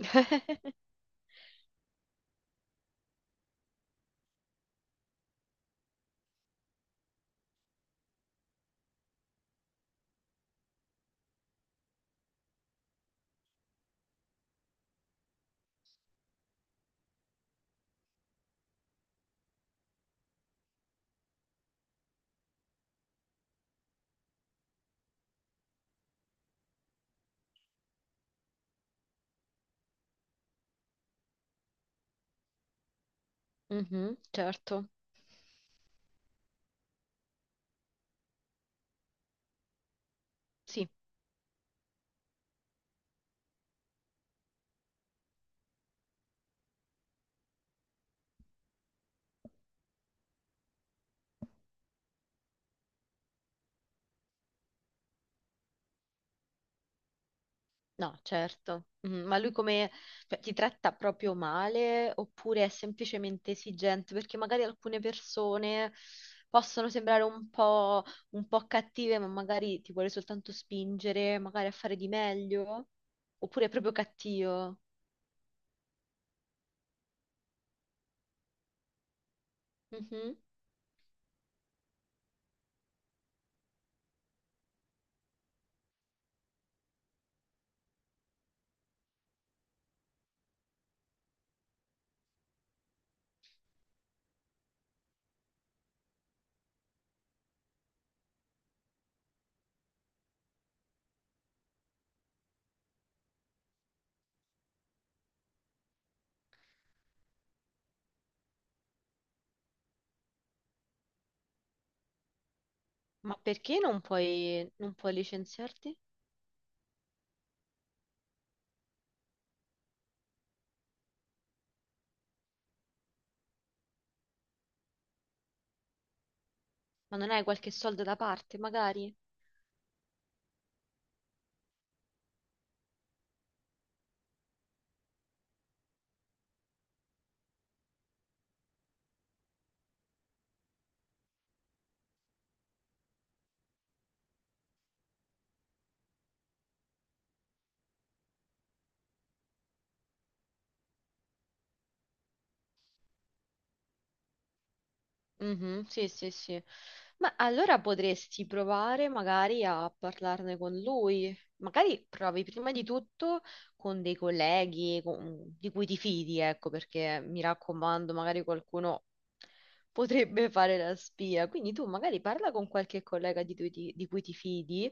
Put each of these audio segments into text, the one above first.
Mhm, certo, sì, no, certo. Mhm, ma lui come, cioè, ti tratta proprio male oppure è semplicemente esigente? Perché magari alcune persone possono sembrare un po' cattive, ma magari ti vuole soltanto spingere, magari a fare di meglio, oppure è proprio cattivo. Mhm. Ma perché non puoi licenziarti? Ma non hai qualche soldo da parte, magari? Mhm, sì, sì, sì. Ma allora potresti provare magari a parlarne con lui. Magari provi prima di tutto con dei colleghi di cui ti fidi, ecco, perché mi raccomando, magari qualcuno potrebbe fare la spia. Quindi tu magari parla con qualche collega di cui ti fidi,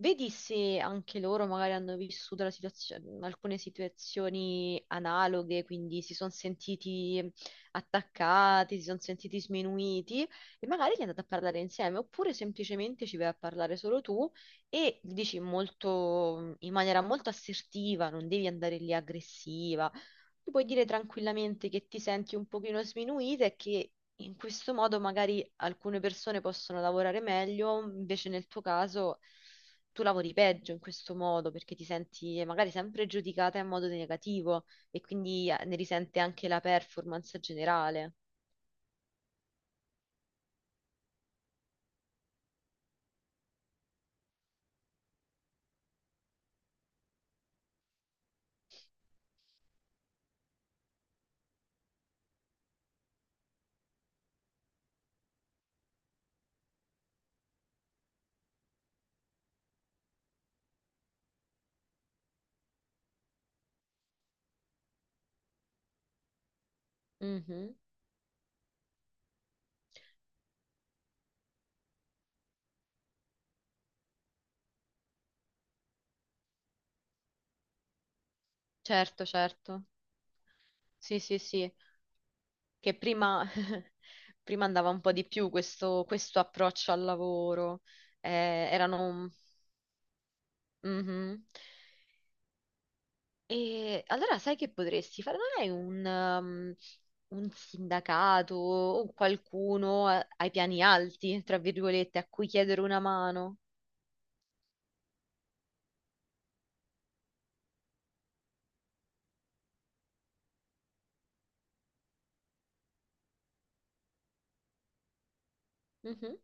vedi se anche loro magari hanno vissuto la alcune situazioni analoghe, quindi si sono sentiti attaccati, si sono sentiti sminuiti e magari gli andate a parlare insieme oppure semplicemente ci vai a parlare solo tu e gli dici molto, in maniera molto assertiva, non devi andare lì aggressiva. Tu puoi dire tranquillamente che ti senti un pochino sminuita e che in questo modo magari alcune persone possono lavorare meglio, invece nel tuo caso tu lavori peggio in questo modo perché ti senti magari sempre giudicata in modo negativo e quindi ne risente anche la performance generale. Mhm. Certo, certo. Sì, sì, sì. Che prima, prima andava un po' di più questo approccio al lavoro. Erano... Mhm. E allora sai che potresti fare? Non hai un, um, un sindacato o qualcuno ai piani alti, tra virgolette, a cui chiedere una mano? Mhm,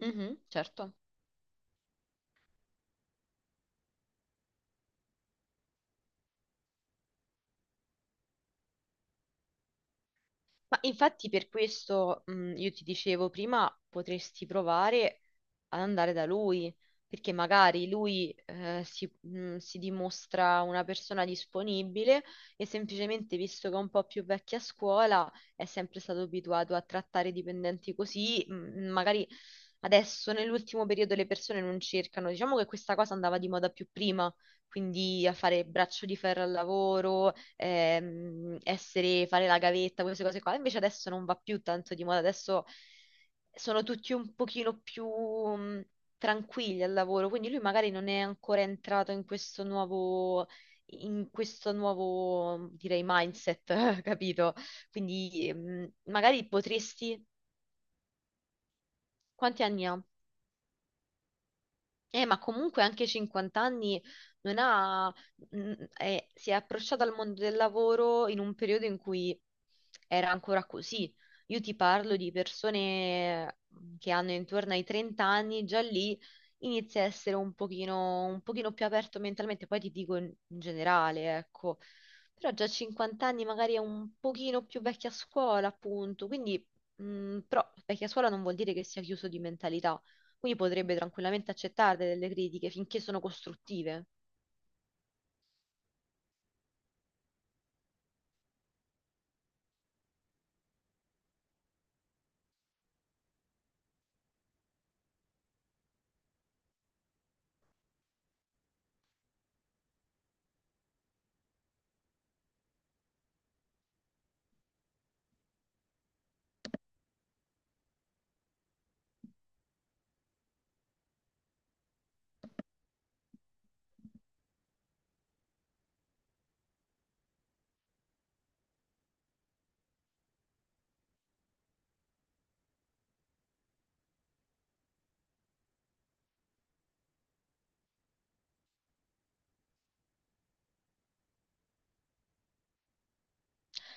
mhm, certo. Ma infatti per questo io ti dicevo prima potresti provare ad andare da lui, perché magari lui si, si dimostra una persona disponibile e semplicemente visto che è un po' più vecchia a scuola è sempre stato abituato a trattare i dipendenti così, magari adesso nell'ultimo periodo le persone non cercano, diciamo che questa cosa andava di moda più prima quindi a fare braccio di ferro al lavoro, essere, fare la gavetta, queste cose qua. Invece adesso non va più tanto di moda, adesso sono tutti un pochino più tranquilli al lavoro, quindi lui magari non è ancora entrato in questo nuovo, direi, mindset, capito? Quindi magari potresti... Quanti anni ha? Ma comunque anche 50 anni non ha, mm, si è approcciata al mondo del lavoro in un periodo in cui era ancora così. Io ti parlo di persone che hanno intorno ai 30 anni, già lì inizia a essere un pochino più aperto mentalmente, poi ti dico in, in generale, ecco. Però già a 50 anni magari è un pochino più vecchia scuola, appunto. Quindi, mm, però vecchia scuola non vuol dire che sia chiuso di mentalità quindi potrebbe tranquillamente accettare delle critiche finché sono costruttive.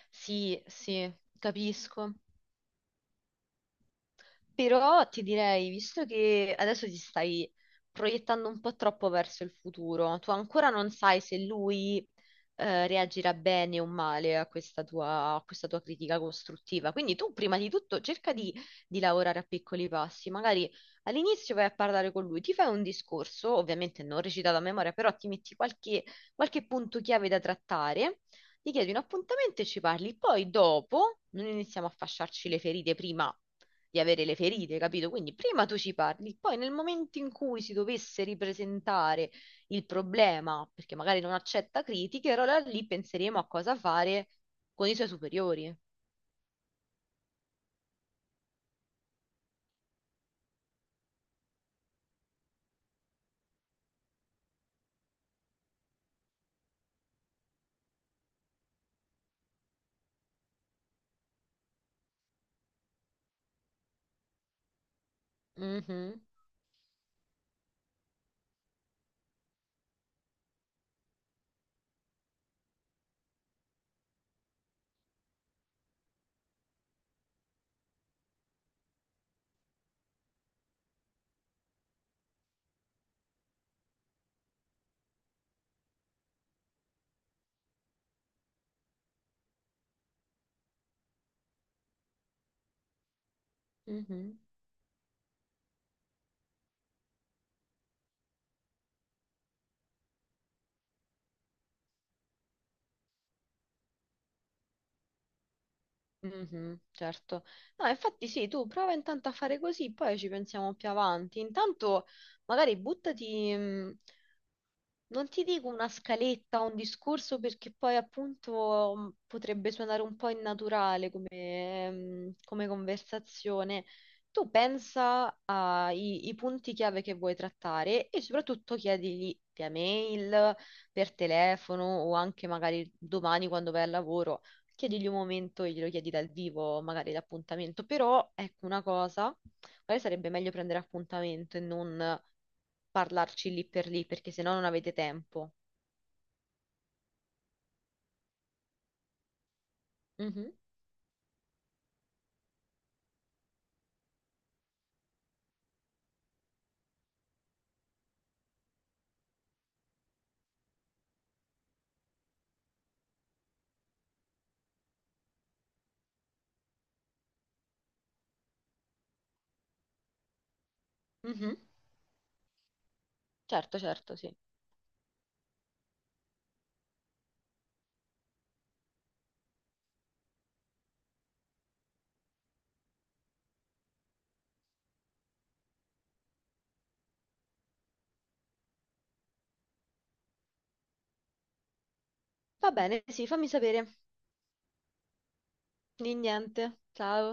Sì, sì, capisco. Però ti direi, visto che adesso ti stai proiettando un po' troppo verso il futuro, tu ancora non sai se lui reagirà bene o male a questa tua critica costruttiva. Quindi tu prima di tutto cerca di lavorare a piccoli passi. Magari all'inizio vai a parlare con lui, ti fai un discorso, ovviamente non recitato a memoria, però ti metti qualche, qualche punto chiave da trattare. Ti chiedi un appuntamento e ci parli, poi dopo non iniziamo a fasciarci le ferite prima di avere le ferite, capito? Quindi prima tu ci parli, poi nel momento in cui si dovesse ripresentare il problema, perché magari non accetta critiche, allora lì penseremo a cosa fare con i suoi superiori. Mhm, mhm, mhm, certo. No, infatti sì, tu prova intanto a fare così, poi ci pensiamo più avanti. Intanto magari buttati... non ti dico una scaletta o un discorso perché poi appunto potrebbe suonare un po' innaturale come, come conversazione. Tu pensa ai i punti chiave che vuoi trattare e soprattutto chiedigli via mail, per telefono o anche magari domani quando vai al lavoro. Chiedigli un momento e glielo chiedi dal vivo, magari l'appuntamento. Però ecco una cosa. Magari sarebbe meglio prendere appuntamento e non parlarci lì per lì, perché sennò non avete tempo. Mhm, mhm. Certo, certo, sì. Va bene, sì, fammi sapere. Di niente. Ciao.